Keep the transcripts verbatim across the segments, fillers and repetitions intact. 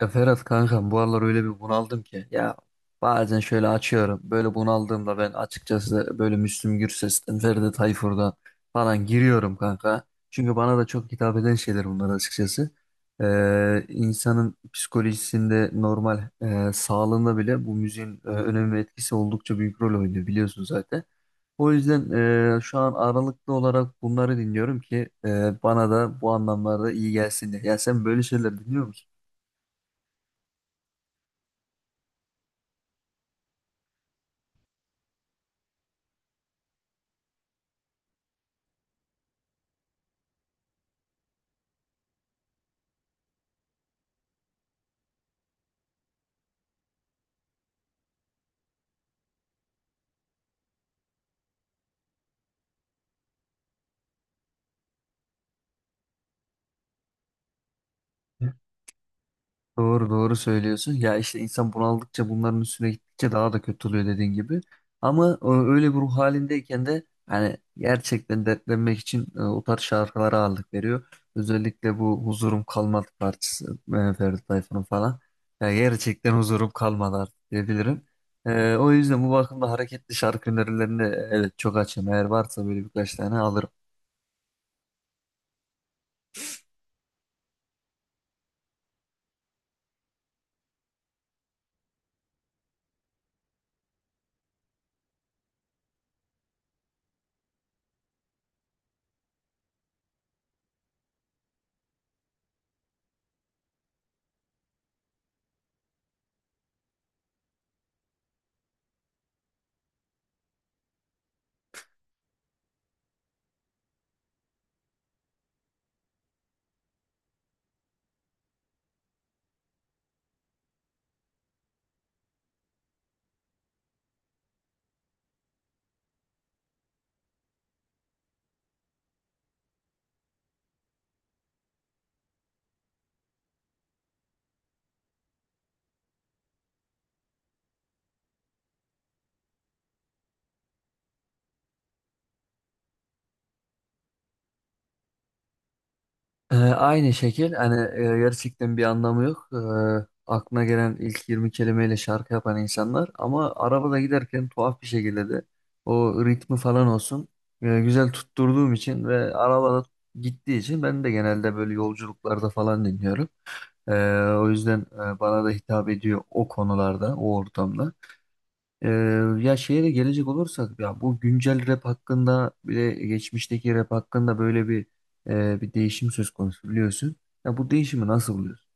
Ya Ferhat kankam bu aralar öyle bir bunaldım ki ya bazen şöyle açıyorum böyle bunaldığımda ben açıkçası böyle Müslüm Gürses'ten Ferdi Tayfur'dan falan giriyorum kanka. Çünkü bana da çok hitap eden şeyler bunlar açıkçası. Ee, insanın psikolojisinde normal e, sağlığında bile bu müziğin e, önemi ve etkisi oldukça büyük rol oynuyor biliyorsun zaten. O yüzden e, şu an aralıklı olarak bunları dinliyorum ki e, bana da bu anlamlarda iyi gelsin diye. Ya sen böyle şeyler dinliyor musun? Doğru doğru söylüyorsun. Ya işte insan bunaldıkça bunların üstüne gittikçe daha da kötü oluyor dediğin gibi. Ama e, öyle bir ruh halindeyken de hani gerçekten dertlenmek için e, o tarz şarkılara ağırlık veriyor. Özellikle bu Huzurum Kalmadı parçası e, Ferdi Tayfur'un falan. Ya gerçekten huzurum kalmadı artık diyebilirim. E, o yüzden bu bakımda hareketli şarkı önerilerini e, evet çok açım. Eğer varsa böyle birkaç tane alırım. Ee, aynı şekil hani e, gerçekten bir anlamı yok. Ee, aklına gelen ilk yirmi kelimeyle şarkı yapan insanlar ama arabada giderken tuhaf bir şekilde de o ritmi falan olsun e, güzel tutturduğum için ve arabada gittiği için ben de genelde böyle yolculuklarda falan dinliyorum. Ee, O yüzden e, bana da hitap ediyor o konularda, o ortamda. Ee, Ya şeye gelecek olursak ya bu güncel rap hakkında bile geçmişteki rap hakkında böyle bir e, bir değişim söz konusu biliyorsun. Ya bu değişimi nasıl buluyorsun?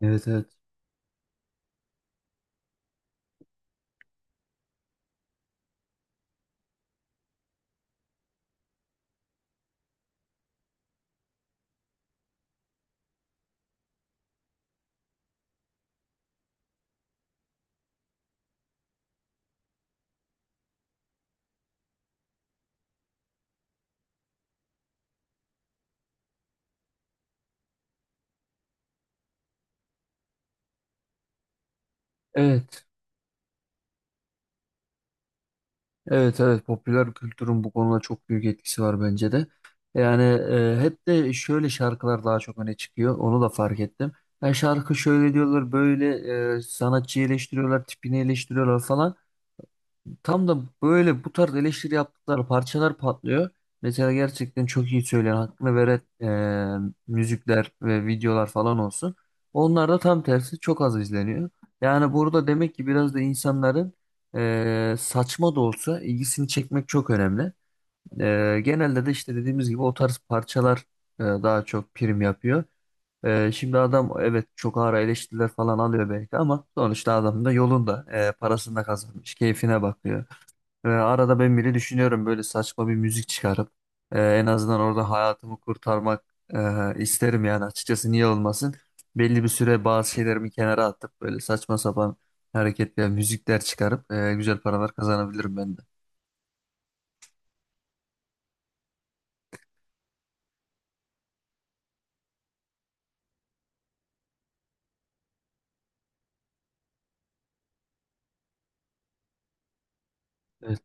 Evet, evet. Evet, evet, evet. Popüler kültürün bu konuda çok büyük etkisi var bence de. Yani e, hep de şöyle şarkılar daha çok öne çıkıyor. Onu da fark ettim. Yani şarkı şöyle diyorlar, böyle e, sanatçıyı eleştiriyorlar, tipini eleştiriyorlar falan. Tam da böyle bu tarz eleştiri yaptıkları parçalar patlıyor. Mesela gerçekten çok iyi söyleyen, hakkını veren e, müzikler ve videolar falan olsun. Onlar da tam tersi çok az izleniyor. Yani burada demek ki biraz da insanların e, saçma da olsa ilgisini çekmek çok önemli. E, genelde de işte dediğimiz gibi o tarz parçalar e, daha çok prim yapıyor. E, şimdi adam evet çok ağır eleştiriler falan alıyor belki ama sonuçta adam da yolunda e, parasını da kazanmış, keyfine bakıyor. Ee, arada ben bile düşünüyorum böyle saçma bir müzik çıkarıp e, en azından orada hayatımı kurtarmak e, isterim yani açıkçası niye olmasın. Belli bir süre bazı şeylerimi kenara atıp böyle saçma sapan hareketler, müzikler çıkarıp e, güzel paralar kazanabilirim ben de. Evet.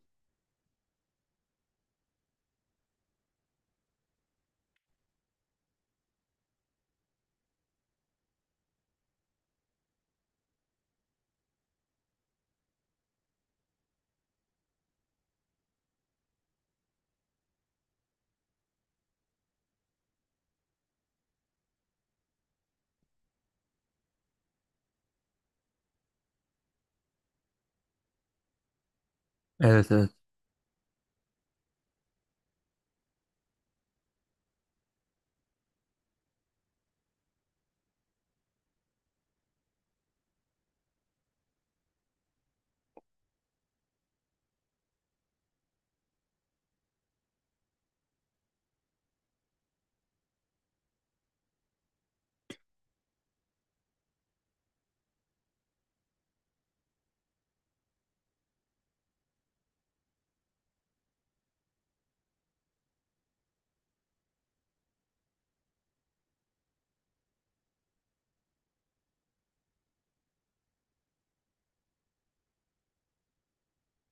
Evet, evet.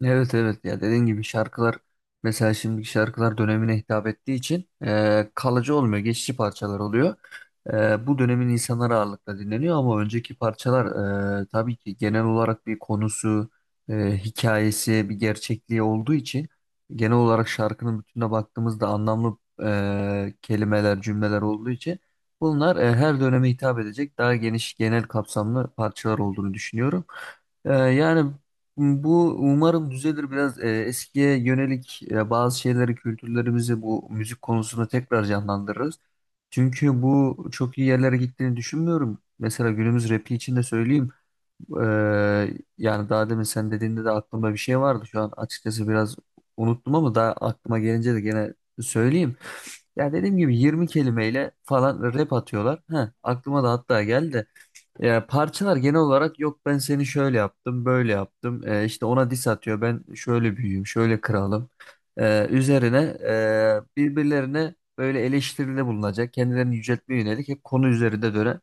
Evet, evet, ya dediğin gibi şarkılar mesela şimdiki şarkılar dönemine hitap ettiği için e, kalıcı olmuyor geçici parçalar oluyor. E, bu dönemin insanları ağırlıkla dinleniyor ama önceki parçalar e, tabii ki genel olarak bir konusu, e, hikayesi, bir gerçekliği olduğu için genel olarak şarkının bütününe baktığımızda anlamlı e, kelimeler, cümleler olduğu için bunlar e, her döneme hitap edecek daha geniş genel kapsamlı parçalar olduğunu düşünüyorum. Ee, yani bu umarım düzelir biraz e, eskiye yönelik e, bazı şeyleri kültürlerimizi bu müzik konusunda tekrar canlandırırız. Çünkü bu çok iyi yerlere gittiğini düşünmüyorum. Mesela günümüz rapi için de söyleyeyim. E, Yani daha demin sen dediğinde de aklımda bir şey vardı. Şu an açıkçası biraz unuttum ama daha aklıma gelince de gene söyleyeyim. Ya dediğim gibi yirmi kelimeyle falan rap atıyorlar. Heh, aklıma da hatta geldi. Ya parçalar genel olarak yok, ben seni şöyle yaptım böyle yaptım, e, işte ona diss atıyor, ben şöyle büyüğüm şöyle kralım. E, üzerine e, birbirlerine böyle eleştiride bulunacak, kendilerini yüceltmeye yönelik hep konu üzerinde dönen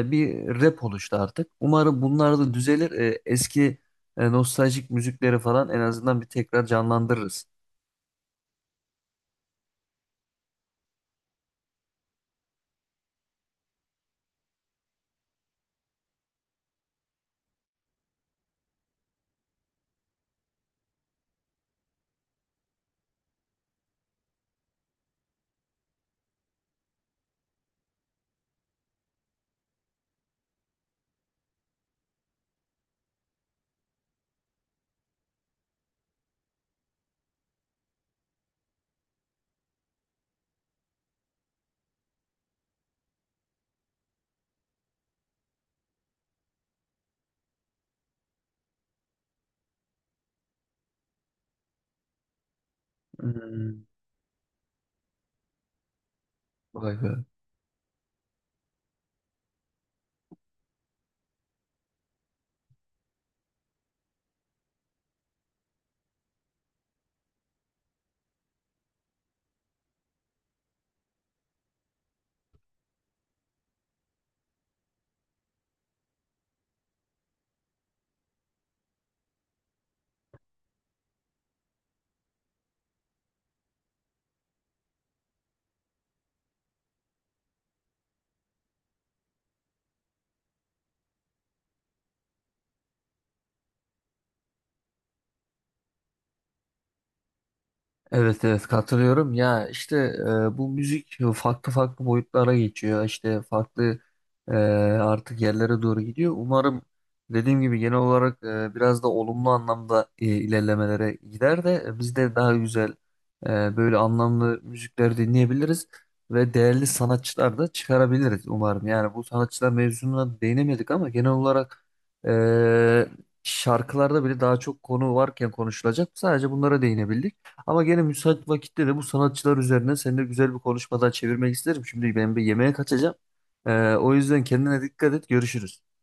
e, bir rap oluştu artık. Umarım bunlar da düzelir, E, eski e, nostaljik müzikleri falan en azından bir tekrar canlandırırız. Hmm, vay be. Evet, evet, katılıyorum. Ya işte e, bu müzik farklı farklı boyutlara geçiyor. İşte farklı e, artık yerlere doğru gidiyor. Umarım dediğim gibi genel olarak e, biraz da olumlu anlamda e, ilerlemelere gider de biz de daha güzel e, böyle anlamlı müzikler dinleyebiliriz ve değerli sanatçılar da çıkarabiliriz umarım. Yani bu sanatçılar mevzuna değinemedik ama genel olarak e, şarkılarda bile daha çok konu varken konuşulacak. Sadece bunlara değinebildik. Ama gene müsait vakitte de bu sanatçılar üzerine seninle güzel bir konuşmadan çevirmek isterim. Şimdi ben bir yemeğe kaçacağım. Ee, o yüzden kendine dikkat et. Görüşürüz.